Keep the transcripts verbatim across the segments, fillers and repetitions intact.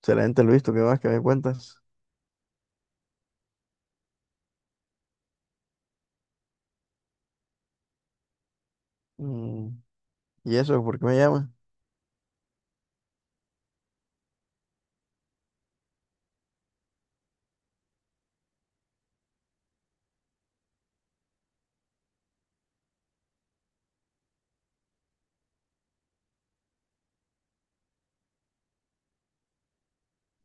Excelente, Luis, ¿tú qué vas? ¿Qué me cuentas? Mm, ¿y eso? ¿Por qué me llamas?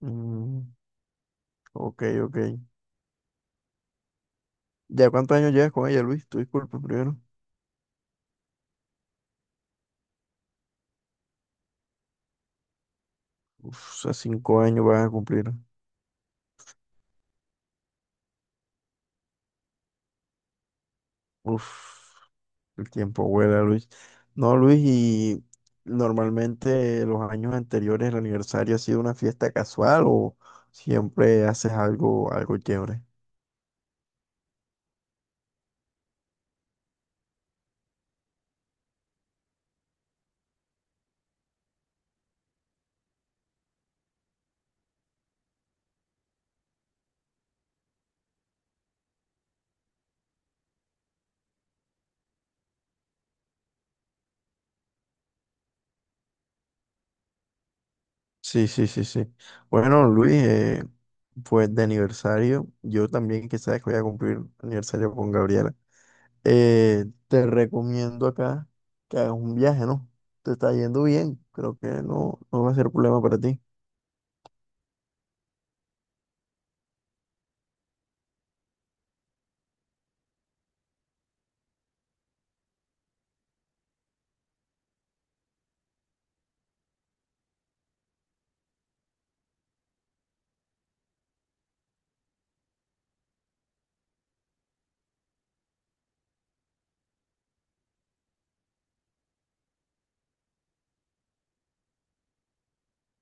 Mm, ok, ok. ¿Ya cuántos años llevas con ella, Luis? Tu disculpa primero. Uf, hace cinco años van a cumplir. Uf, el tiempo vuela, Luis. No, Luis, y normalmente los años anteriores el aniversario ha sido una fiesta casual o siempre haces algo, algo chévere. Sí, sí, sí, sí. Bueno, Luis, eh, pues de aniversario, yo también quizás voy a cumplir aniversario con Gabriela. Eh, te recomiendo acá que hagas un viaje, ¿no? Te está yendo bien, creo que no, no va a ser problema para ti.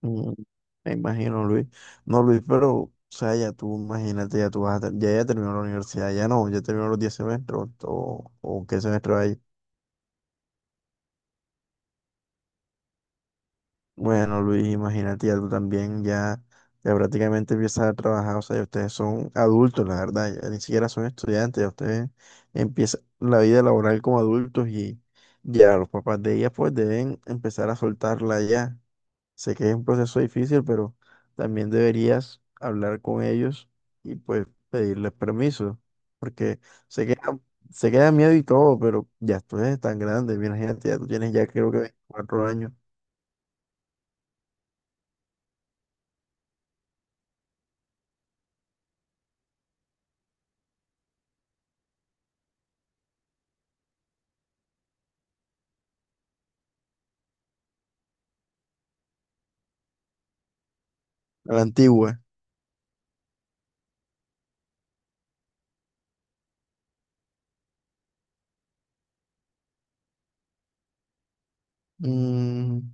Mm, me imagino, Luis. No, Luis, pero, o sea, ya tú, imagínate, ya tú vas a, ter- ya, ya terminó la universidad, ya no, ya terminó los diez semestres, o, o qué semestre va. Bueno, Luis, imagínate, ya tú también ya, ya prácticamente empiezas a trabajar, o sea, ya ustedes son adultos, la verdad, ya ni siquiera son estudiantes, ya ustedes empiezan la vida laboral como adultos y ya los papás de ellas pues deben empezar a soltarla ya. Sé que es un proceso difícil, pero también deberías hablar con ellos y pues pedirles permiso, porque se queda, se queda miedo y todo, pero ya tú eres tan grande, imagínate, ya tú tienes ya creo que veinticuatro años, a la antigua. Mm,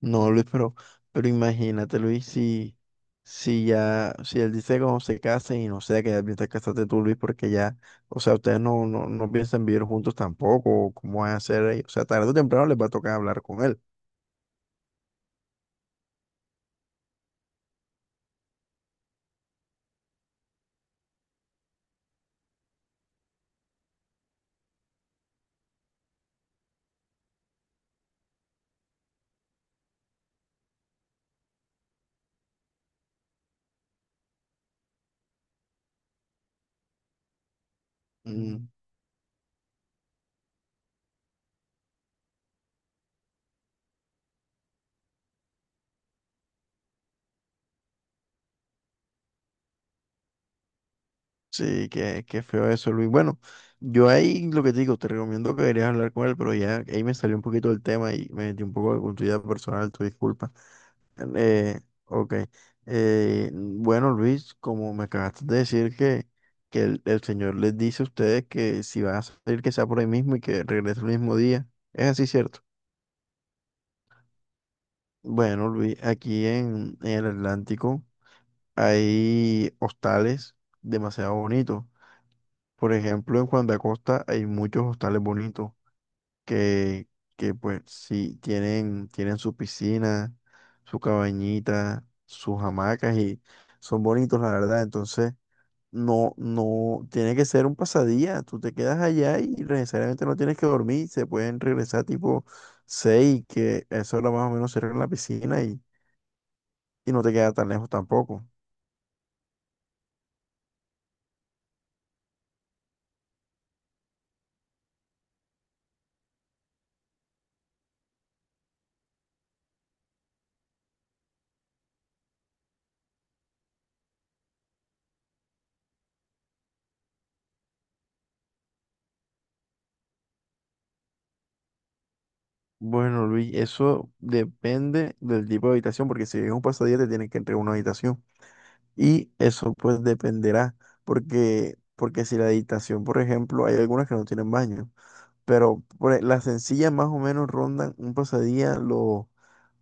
no, Luis, pero, pero imagínate, Luis, si, si ya, si él dice cómo se casen y no sea que ya piensas casarte tú, Luis, porque ya, o sea, ustedes no, no, no piensan vivir juntos tampoco, o cómo van a hacer ahí, o sea, tarde o temprano les va a tocar hablar con él. Mm, sí, qué, qué feo eso, Luis. Bueno, yo ahí lo que te digo, te recomiendo que deberías hablar con él, pero ya ahí me salió un poquito del tema y me metí un poco con tu vida personal, tu disculpa. Eh, ok. Eh, bueno, Luis, como me acabaste de decir que, que el, el Señor les dice a ustedes que si van a salir, que sea por ahí mismo y que regrese el mismo día. ¿Es así cierto? Bueno, Luis, aquí en, en el Atlántico hay hostales demasiado bonitos. Por ejemplo, en Juan de Acosta hay muchos hostales bonitos. que, que pues sí, tienen, tienen su piscina, su cabañita, sus hamacas y son bonitos, la verdad. Entonces, no, no, tiene que ser un pasadía. Tú te quedas allá y necesariamente no tienes que dormir. Se pueden regresar tipo seis que eso hora más o menos cierra la piscina y, y no te queda tan lejos tampoco. Bueno, Luis, eso depende del tipo de habitación, porque si es un pasadía te tienen que entregar una habitación. Y eso pues dependerá, porque, porque si la habitación, por ejemplo, hay algunas que no tienen baño, pero por e- las sencillas más o menos rondan un pasadía, lo,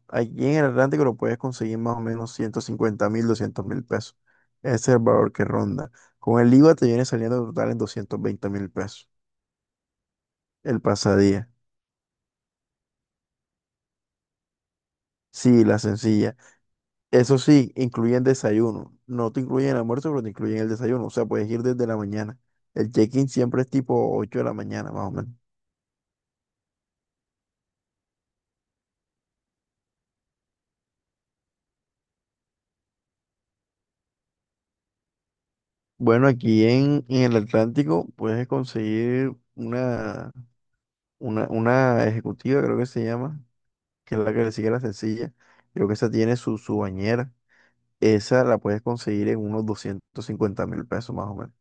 aquí en el Atlántico lo puedes conseguir más o menos ciento cincuenta mil, doscientos mil pesos. Ese es el valor que ronda. Con el I V A te viene saliendo total en doscientos veinte mil pesos el pasadía. Sí, la sencilla. Eso sí, incluyen desayuno. No te incluyen el almuerzo, pero te incluyen el desayuno. O sea, puedes ir desde la mañana. El check-in siempre es tipo ocho de la mañana, más o menos. Bueno, aquí en, en el Atlántico puedes conseguir una, una, una ejecutiva, creo que se llama, que es la que le sigue la sencilla. Creo que esa tiene su, su bañera. Esa la puedes conseguir en unos doscientos cincuenta mil pesos, más o menos.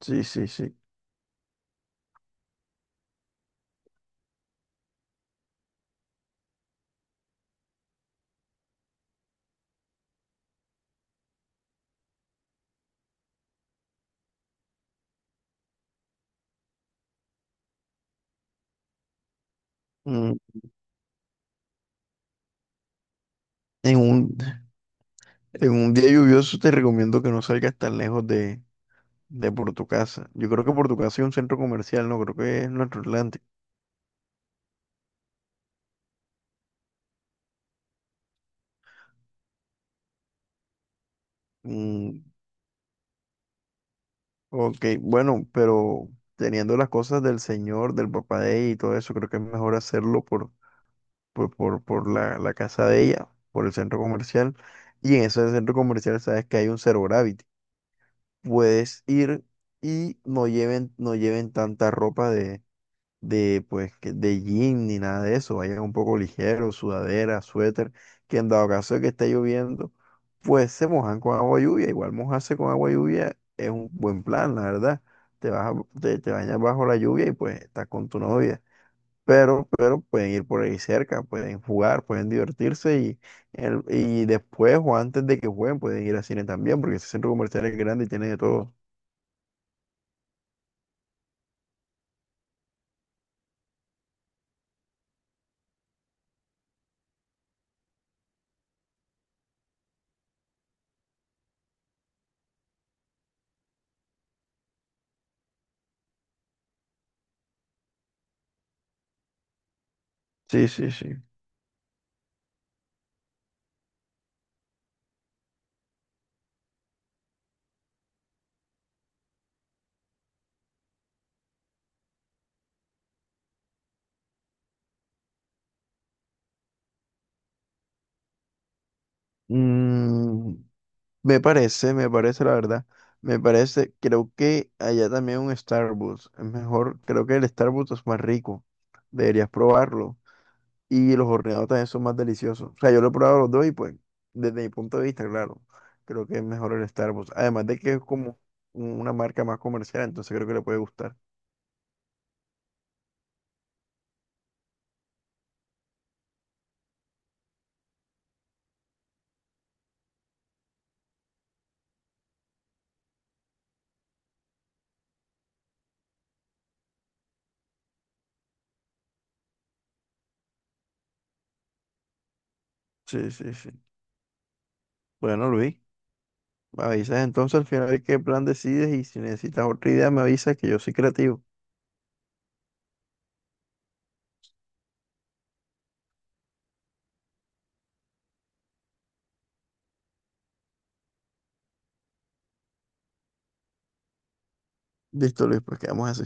Sí, sí, sí. Mm, en un, en un día lluvioso te recomiendo que no salgas tan lejos de por tu casa. Yo creo que por tu casa es un centro comercial, no creo que es nuestro Atlántico. Mm, ok, bueno, pero teniendo las cosas del señor, del papá de ella y todo eso, creo que es mejor hacerlo por, por, por, por la, la casa de ella, por el centro comercial. Y en ese centro comercial sabes que hay un Zero Gravity. Puedes ir y no lleven, no lleven tanta ropa de pues que- de jean ni nada de eso, vayan un poco ligero, sudadera, suéter, que en dado caso de que esté lloviendo, pues se mojan con agua lluvia, igual mojarse con agua lluvia es un buen plan, la verdad. Te vas a- te, te bañas bajo la lluvia y pues estás con tu novia. Pero, pero pueden ir por ahí cerca, pueden jugar, pueden divertirse y, el- y después o antes de que jueguen pueden ir al cine también, porque ese centro comercial es grande y tiene de todo. Sí, sí, sí. Mm, me parece, me parece la verdad. Me parece, creo que allá también un Starbucks. Es mejor, creo que el Starbucks es más rico. Deberías probarlo. Y los horneados también son más deliciosos. O sea, yo lo he probado los dos y pues, desde mi punto de vista, claro, creo que es mejor el Starbucks. Además de que es como una marca más comercial, entonces creo que le puede gustar. Sí, sí, sí. Bueno, Luis, me avisas entonces al final qué plan decides y si necesitas otra idea, me avisas que yo soy creativo. Listo, Luis, pues quedamos así.